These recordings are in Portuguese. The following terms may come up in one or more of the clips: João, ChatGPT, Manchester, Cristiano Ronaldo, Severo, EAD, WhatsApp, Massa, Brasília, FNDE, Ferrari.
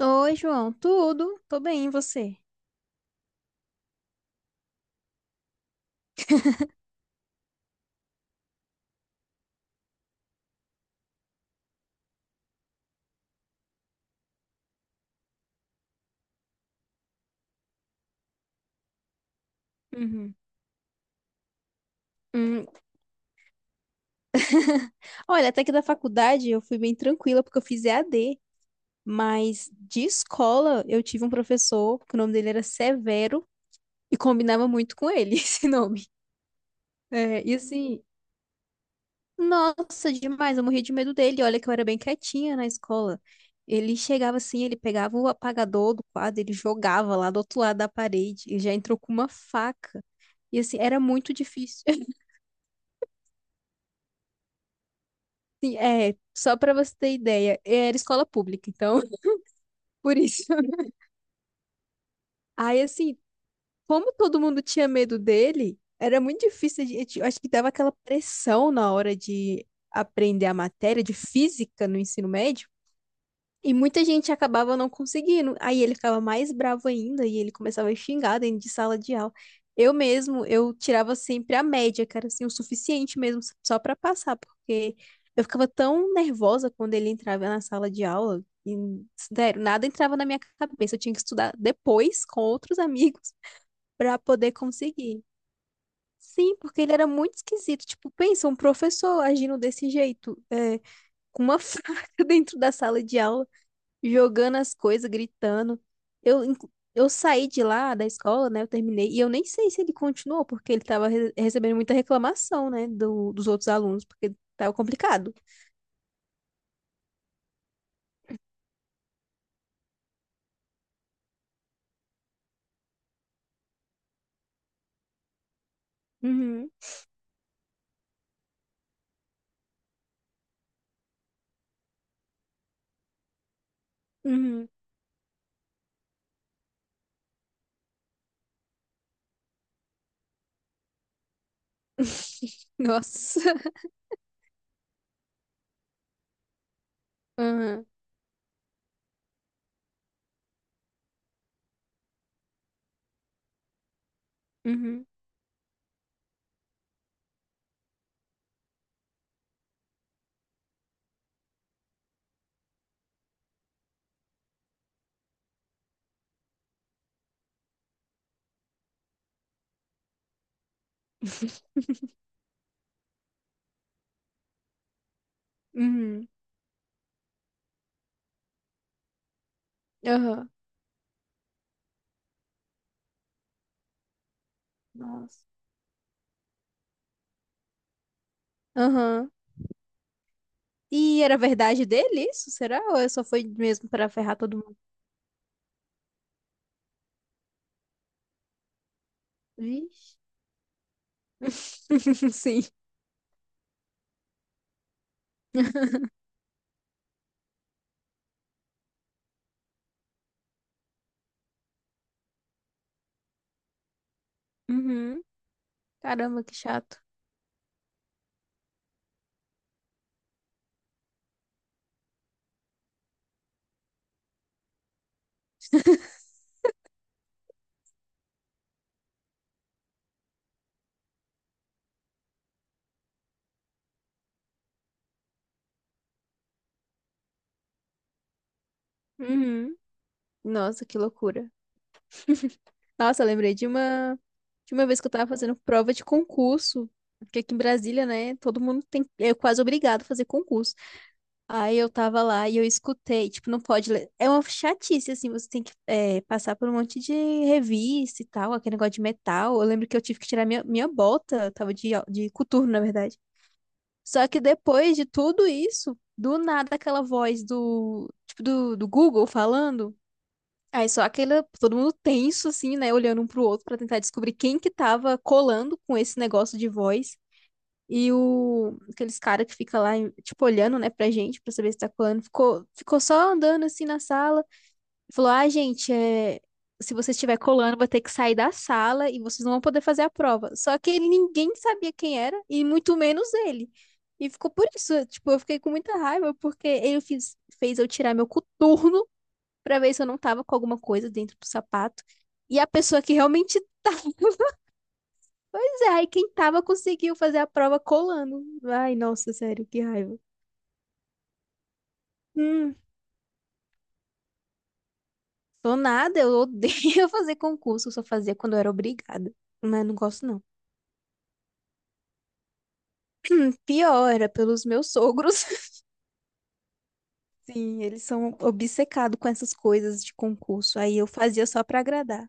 Oi, João. Tudo? Tô bem, e você? Uhum. Hum, Olha, até que da faculdade eu fui bem tranquila porque eu fiz EAD, mas de escola eu tive um professor que o nome dele era Severo e combinava muito com ele esse nome. É, e assim, nossa, demais, eu morria de medo dele. Olha que eu era bem quietinha na escola. Ele chegava assim, ele pegava o apagador do quadro, ele jogava lá do outro lado da parede e já entrou com uma faca. E assim, era muito difícil. Sim, é, só pra você ter ideia, era escola pública, então, por isso. Aí, assim, como todo mundo tinha medo dele, era muito difícil, eu acho que dava aquela pressão na hora de aprender a matéria de física no ensino médio, e muita gente acabava não conseguindo. Aí ele ficava mais bravo ainda e ele começava a xingar dentro de sala de aula. Eu mesmo, eu tirava sempre a média, cara, assim, o suficiente mesmo só pra passar, porque eu ficava tão nervosa quando ele entrava na sala de aula e, sério, nada entrava na minha cabeça. Eu tinha que estudar depois com outros amigos pra poder conseguir. Sim, porque ele era muito esquisito. Tipo, pensa, um professor agindo desse jeito, é, com uma faca dentro da sala de aula jogando as coisas, gritando. Eu saí de lá da escola, né? Eu terminei. E eu nem sei se ele continuou, porque ele tava recebendo muita reclamação, né? Dos outros alunos, porque tava complicado. Uhum, uhum. Nossa. Uhum, uhum, uhum, aham. Nossa. Aham. E era verdade dele isso, será? Ou é só foi mesmo pra ferrar todo mundo? Vixe. Sim. Uhum. Caramba, que chato. Uhum. Nossa, que loucura. Nossa, eu lembrei de uma vez que eu tava fazendo prova de concurso, porque aqui em Brasília, né, todo mundo tem é quase obrigado a fazer concurso. Aí eu tava lá e eu escutei, tipo, não pode ler. É uma chatice assim, você tem que é, passar por um monte de revista e tal, aquele negócio de metal. Eu lembro que eu tive que tirar minha bota, eu tava de coturno, na verdade. Só que depois de tudo isso, do nada aquela voz do tipo do Google falando. Aí só aquela, todo mundo tenso, assim, né, olhando um pro outro pra tentar descobrir quem que tava colando com esse negócio de voz. E o, aqueles cara que fica lá, tipo, olhando, né, pra gente, pra saber se tá colando, ficou só andando, assim, na sala. Falou, ah, gente, é, se você estiver colando, vai ter que sair da sala e vocês não vão poder fazer a prova. Só que ele, ninguém sabia quem era, e muito menos ele. E ficou por isso, tipo, eu fiquei com muita raiva, porque fez eu tirar meu coturno pra ver se eu não tava com alguma coisa dentro do sapato. E a pessoa que realmente tava, pois é, e quem tava conseguiu fazer a prova colando. Ai, nossa, sério, que raiva. Hum, Sou nada, eu odeio fazer concurso, eu só fazia quando eu era obrigada. Mas não gosto, não. Pior, era pelos meus sogros. Sim, eles são obcecados com essas coisas de concurso. Aí eu fazia só pra agradar.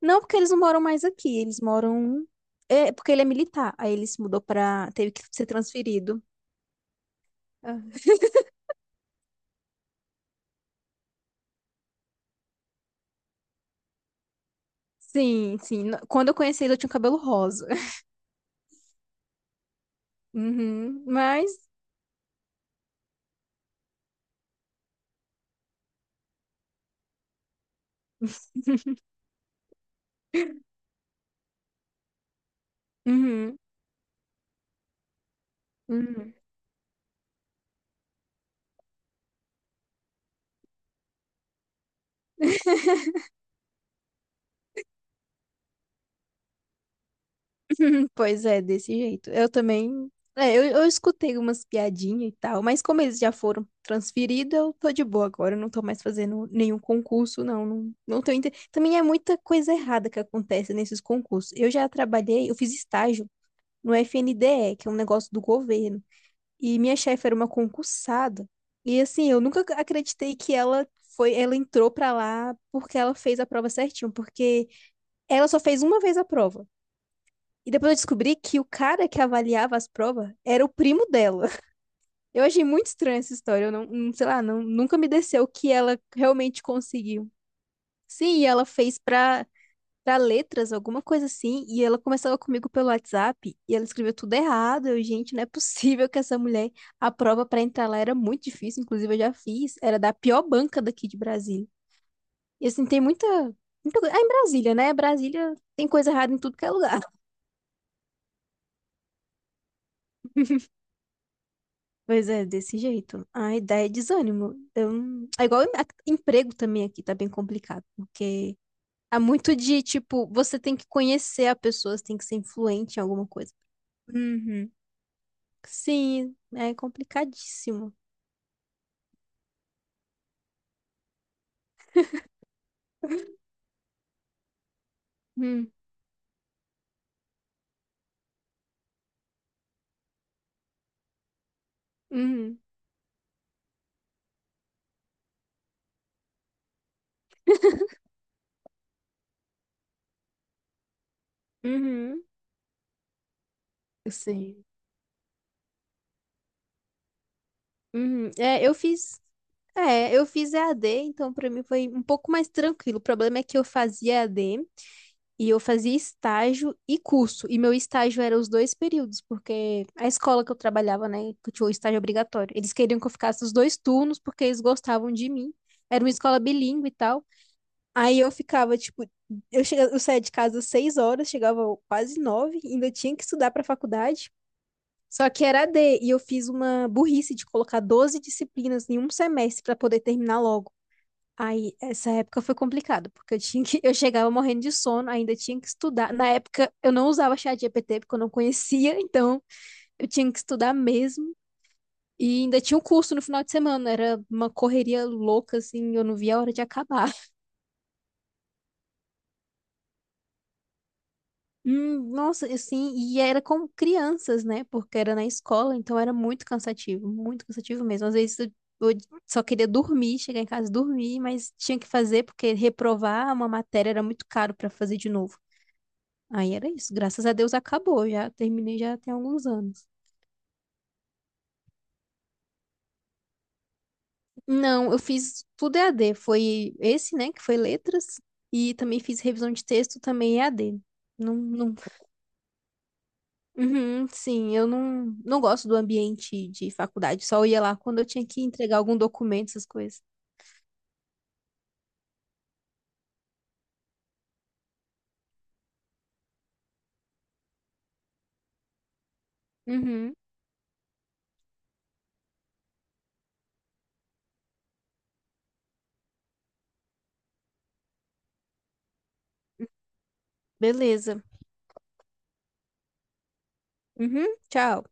Não, porque eles não moram mais aqui, eles moram. É, porque ele é militar. Aí ele se mudou pra. Teve que ser transferido. Sim, sim. Quando eu conheci ele, eu tinha um cabelo rosa. Uhum, mas. Uhum, uhum. Pois é, desse jeito. Eu também. É, eu escutei umas piadinhas e tal, mas como eles já foram transferidos, eu tô de boa agora. Eu não tô mais fazendo nenhum concurso, não. Não, não tenho inter... Também é muita coisa errada que acontece nesses concursos. Eu já trabalhei, eu fiz estágio no FNDE, que é um negócio do governo. E minha chefe era uma concursada. E assim, eu nunca acreditei que ela entrou pra lá porque ela fez a prova certinho, porque ela só fez uma vez a prova. E depois eu descobri que o cara que avaliava as provas era o primo dela. Eu achei muito estranha essa história. Eu não, não- sei lá, não, nunca me desceu que ela realmente conseguiu. Sim, e ela fez pra letras, alguma coisa assim, e ela começava comigo pelo WhatsApp e ela escreveu tudo errado. Eu, gente, não é possível que essa mulher. A prova pra entrar lá era muito difícil, inclusive eu já fiz, era da pior banca daqui de Brasília. E assim, tem muita, muita, ah, em Brasília, né? Brasília tem coisa errada em tudo que é lugar. Pois é, desse jeito. A ideia é desânimo. Eu... não- É igual emprego também aqui, tá bem complicado, porque. Há muito de, tipo, você tem que conhecer a pessoa, você tem que ser influente em alguma coisa. Uhum. Sim, é complicadíssimo. Hum, uhum, uhum, sim, uhum. É, eu fiz EAD, então para mim foi um pouco mais tranquilo. O problema é que eu fazia EAD e eu fazia estágio e curso, e meu estágio era os dois períodos, porque a escola que eu trabalhava, né, que tinha o estágio obrigatório, eles queriam que eu ficasse os dois turnos porque eles gostavam de mim. Era uma escola bilíngue e tal. Aí eu ficava, tipo, eu saía de casa às 6 horas, chegava quase nove, ainda tinha que estudar para faculdade. Só que era AD, e eu fiz uma burrice de colocar 12 disciplinas em um semestre para poder terminar logo. Aí, essa época foi complicado, porque eu tinha que, eu chegava morrendo de sono, ainda tinha que estudar. Na época, eu não usava chat GPT, porque eu não conhecia, então eu tinha que estudar mesmo. E ainda tinha um curso no final de semana, era uma correria louca, assim, eu não via a hora de acabar. Nossa, assim, e era com crianças, né? Porque era na escola, então era muito cansativo mesmo. Às vezes eu só queria dormir, chegar em casa e dormir, mas tinha que fazer porque reprovar uma matéria era muito caro pra fazer de novo. Aí era isso, graças a Deus acabou, já terminei já tem alguns anos. Não, eu fiz tudo EAD, foi esse, né, que foi letras, e também fiz revisão de texto também EAD. Não, não. Uhum, sim, eu não, não gosto do ambiente de faculdade, só ia lá quando eu tinha que entregar algum documento, essas coisas. Uhum, beleza. Uhum, tchau.